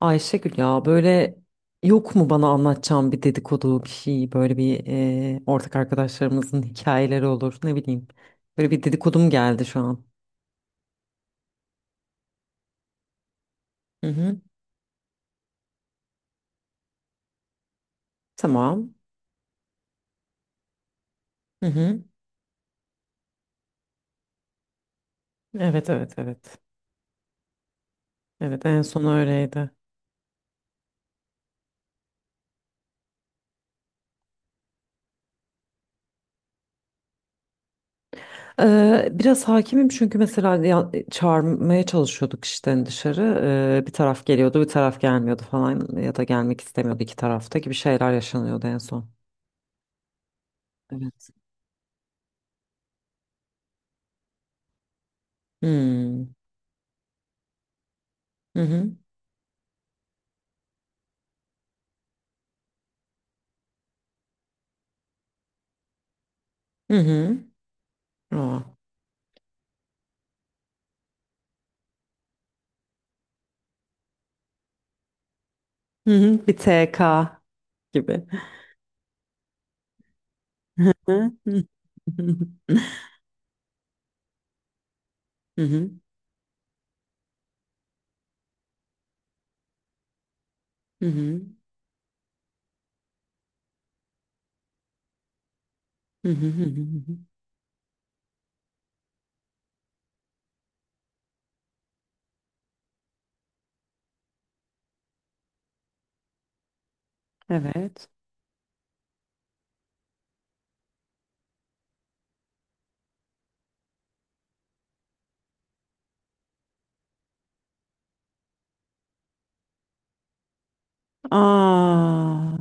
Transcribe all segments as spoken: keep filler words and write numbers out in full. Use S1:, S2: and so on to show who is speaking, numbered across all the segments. S1: Ayşegül, ya böyle yok mu bana anlatacağım bir dedikodu bir şey, böyle bir e, ortak arkadaşlarımızın hikayeleri olur, ne bileyim. Böyle bir dedikodum geldi şu an. Hı hı. Tamam. Hı hı. Evet, evet, evet. Evet, en son öyleydi. Ee, biraz hakimim, çünkü mesela ya- çağırmaya çalışıyorduk işte dışarı. Ee, bir taraf geliyordu, bir taraf gelmiyordu falan, ya da gelmek istemiyordu, iki tarafta gibi şeyler yaşanıyordu en son. Evet. Hmm. Hı hı. Hı hı. Aa. Hı hı, bir T K gibi. Hı hı, hı hı, hı hı, hı hı, hı hı, hı hı. Evet. Aa,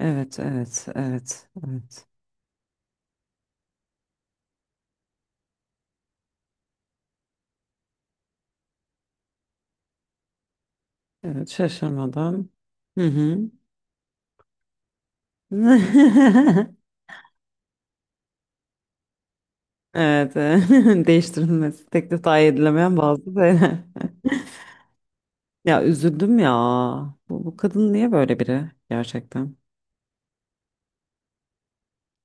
S1: evet, evet, evet, evet. Evet, şaşırmadım. Hı hı. Evet, e, değiştirilmesi teklif dahi edilemeyen bazı şeyler. Ya, üzüldüm ya. Bu, bu kadın niye böyle biri gerçekten?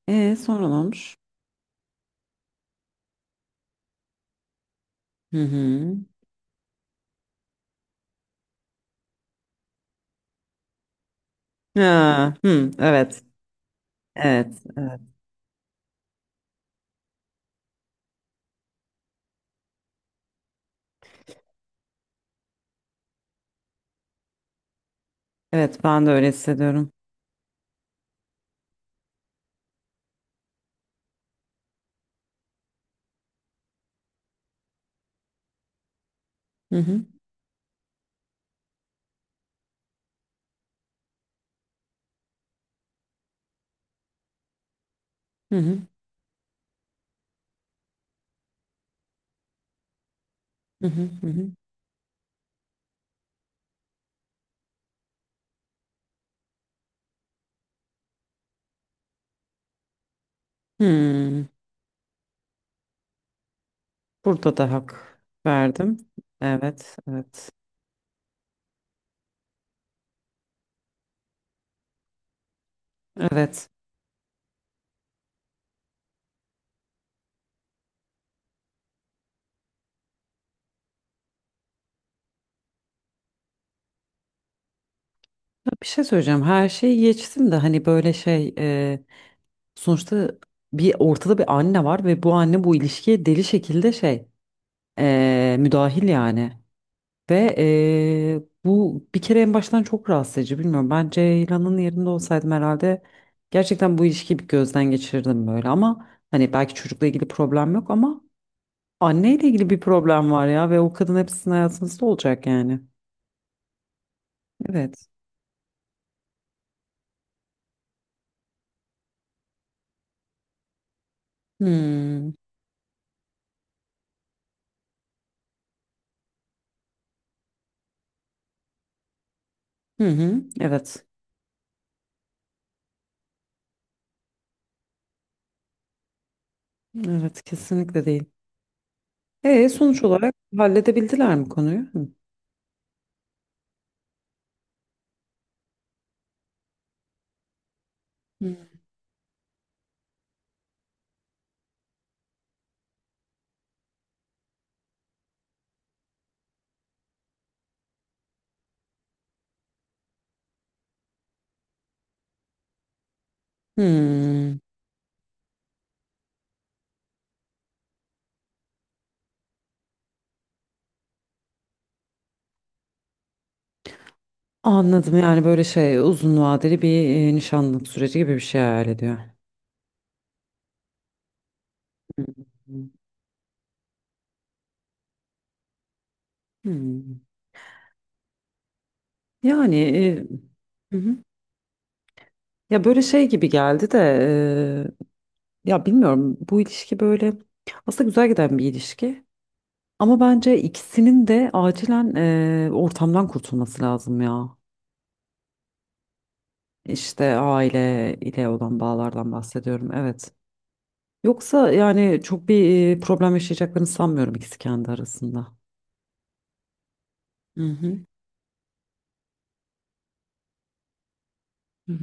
S1: E, sonra ne olmuş? Hı hı. Ha, hı, evet. Evet, evet. Evet, ben de öyle hissediyorum. Hı hı, hı hı, hı hı, hı hı. Hmm, burada da hak verdim. Evet, evet, evet. Ya, bir şey söyleyeceğim. Her şeyi geçtim de hani böyle şey e, sonuçta bir ortada bir anne var ve bu anne bu ilişkiye deli şekilde şey e, müdahil yani. Ve eee, bu bir kere en baştan çok rahatsız edici, bilmiyorum. Ben Ceylan'ın yerinde olsaydım herhalde gerçekten bu ilişkiyi bir gözden geçirirdim böyle. Ama hani belki çocukla ilgili problem yok ama anneyle ilgili bir problem var ya, ve o kadın hepsinin hayatınızda olacak yani. Evet. Hmm. Hı hı. Evet. Evet, kesinlikle değil. E, sonuç olarak halledebildiler mi konuyu? Hı. Hı. Hmm. Anladım, yani böyle şey, uzun vadeli bir e, nişanlık süreci gibi bir şey hayal ediyor. Hı hı. Hmm. Yani e, hı hı. Ya böyle şey gibi geldi de, e, ya bilmiyorum, bu ilişki böyle aslında güzel giden bir ilişki ama bence ikisinin de acilen e, ortamdan kurtulması lazım ya. İşte aile ile olan bağlardan bahsediyorum, evet. Yoksa yani çok bir e, problem yaşayacaklarını sanmıyorum ikisi kendi arasında. Hı hı. Hı, hı.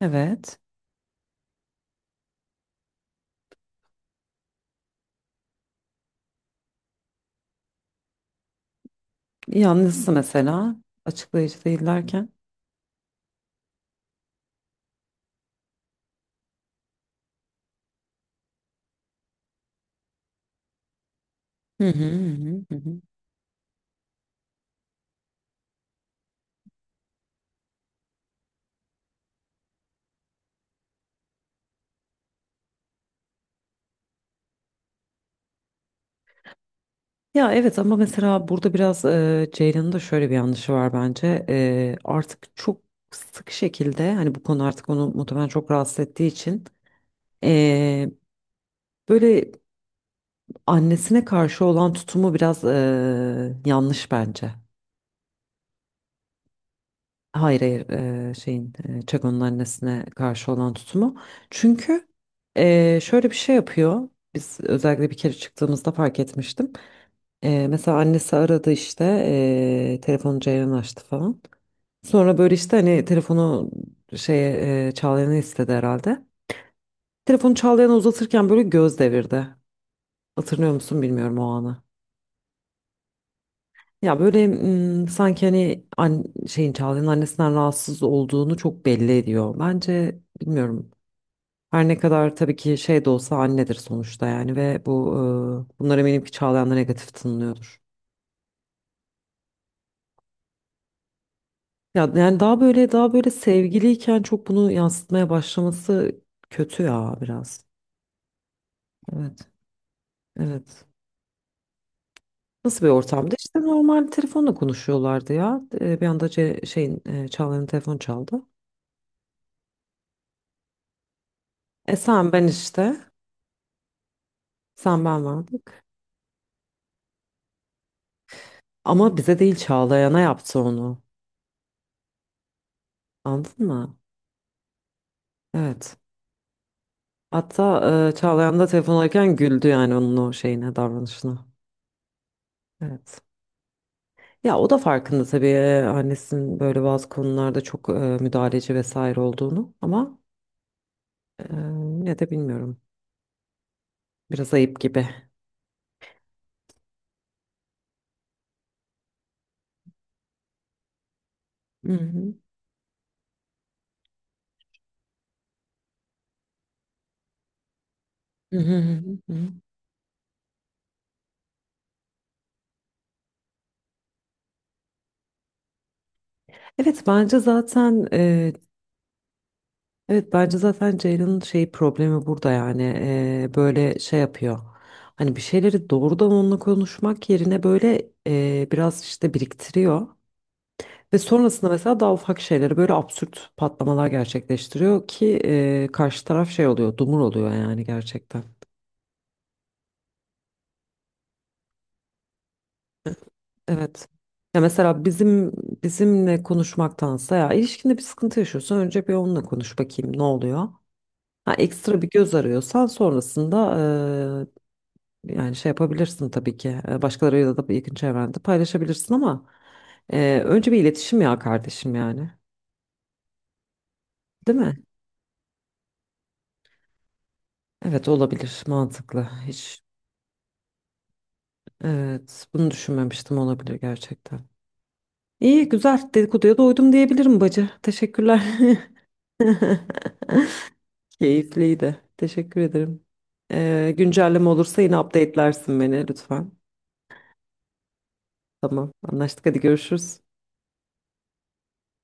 S1: Evet. Yalnızsa mesela açıklayıcı değillerken. Hı hı, hı hı, hı hı. Ya evet, ama mesela burada biraz e, Ceylan'ın da şöyle bir yanlışı var bence. E, artık çok sık şekilde, hani bu konu artık onu muhtemelen çok rahatsız ettiği için, e, böyle annesine karşı olan tutumu biraz e, yanlış bence. Hayır, hayır, e, şeyin, e, Çako'nun annesine karşı olan tutumu. Çünkü e, şöyle bir şey yapıyor. Biz özellikle bir kere çıktığımızda fark etmiştim. Ee, mesela annesi aradı, işte ee, telefonu Ceylan açtı falan. Sonra böyle işte hani telefonu şeye, ee, Çağlayan'a istedi herhalde. Telefonu Çağlayan'a uzatırken böyle göz devirdi. Hatırlıyor musun, bilmiyorum, o anı. Ya böyle mm, sanki hani an, şeyin, Çağlayan'ın annesinden rahatsız olduğunu çok belli ediyor. Bence, bilmiyorum. Her ne kadar tabii ki şey de olsa annedir sonuçta yani, ve bu ee, bunlar eminim ki Çağlayan'da negatif tınlıyordur. Ya yani, daha böyle, daha böyle sevgiliyken çok bunu yansıtmaya başlaması kötü ya biraz. Evet. Evet. Nasıl bir ortamdı? İşte normal telefonla konuşuyorlardı ya. Ee, Bir anda ce- şeyin, e, Çağla'nın telefonu çaldı. E, sen ben işte. Sen ben vardık. Ama bize değil, Çağlayan'a yaptı onu. Anladın mı? Evet. Hatta e, Çağlayan da telefon alırken güldü yani onun o şeyine, davranışına. Evet. Ya o da farkında tabii, e, annesinin böyle bazı konularda çok e, müdahaleci vesaire olduğunu ama e, yine de bilmiyorum. Biraz ayıp gibi. Hı hı. Hı hı, hı hı, hı. Evet, bence zaten e, evet bence zaten Ceylan'ın şey problemi burada yani. E, böyle şey yapıyor. Hani bir şeyleri doğrudan onunla konuşmak yerine böyle e, biraz işte biriktiriyor. Ve sonrasında mesela daha ufak şeyleri böyle absürt patlamalar gerçekleştiriyor ki, e, karşı taraf şey oluyor, dumur oluyor yani gerçekten. Evet. Ya mesela bizim bizimle konuşmaktansa, ya ilişkinde bir sıkıntı yaşıyorsan önce bir onunla konuş bakayım ne oluyor. Ha, ekstra bir göz arıyorsan sonrasında e, yani şey yapabilirsin tabii ki. E, başkalarıyla da yakın çevrende paylaşabilirsin ama e, önce bir iletişim ya kardeşim yani. Değil mi? Evet, olabilir, mantıklı. Hiç. Evet, bunu düşünmemiştim, olabilir gerçekten. İyi, güzel. Dedikoduya doydum diyebilirim bacı. Teşekkürler. Keyifliydi. Teşekkür ederim. Ee, güncelleme olursa yine update'lersin beni lütfen. Tamam, anlaştık. Hadi, görüşürüz.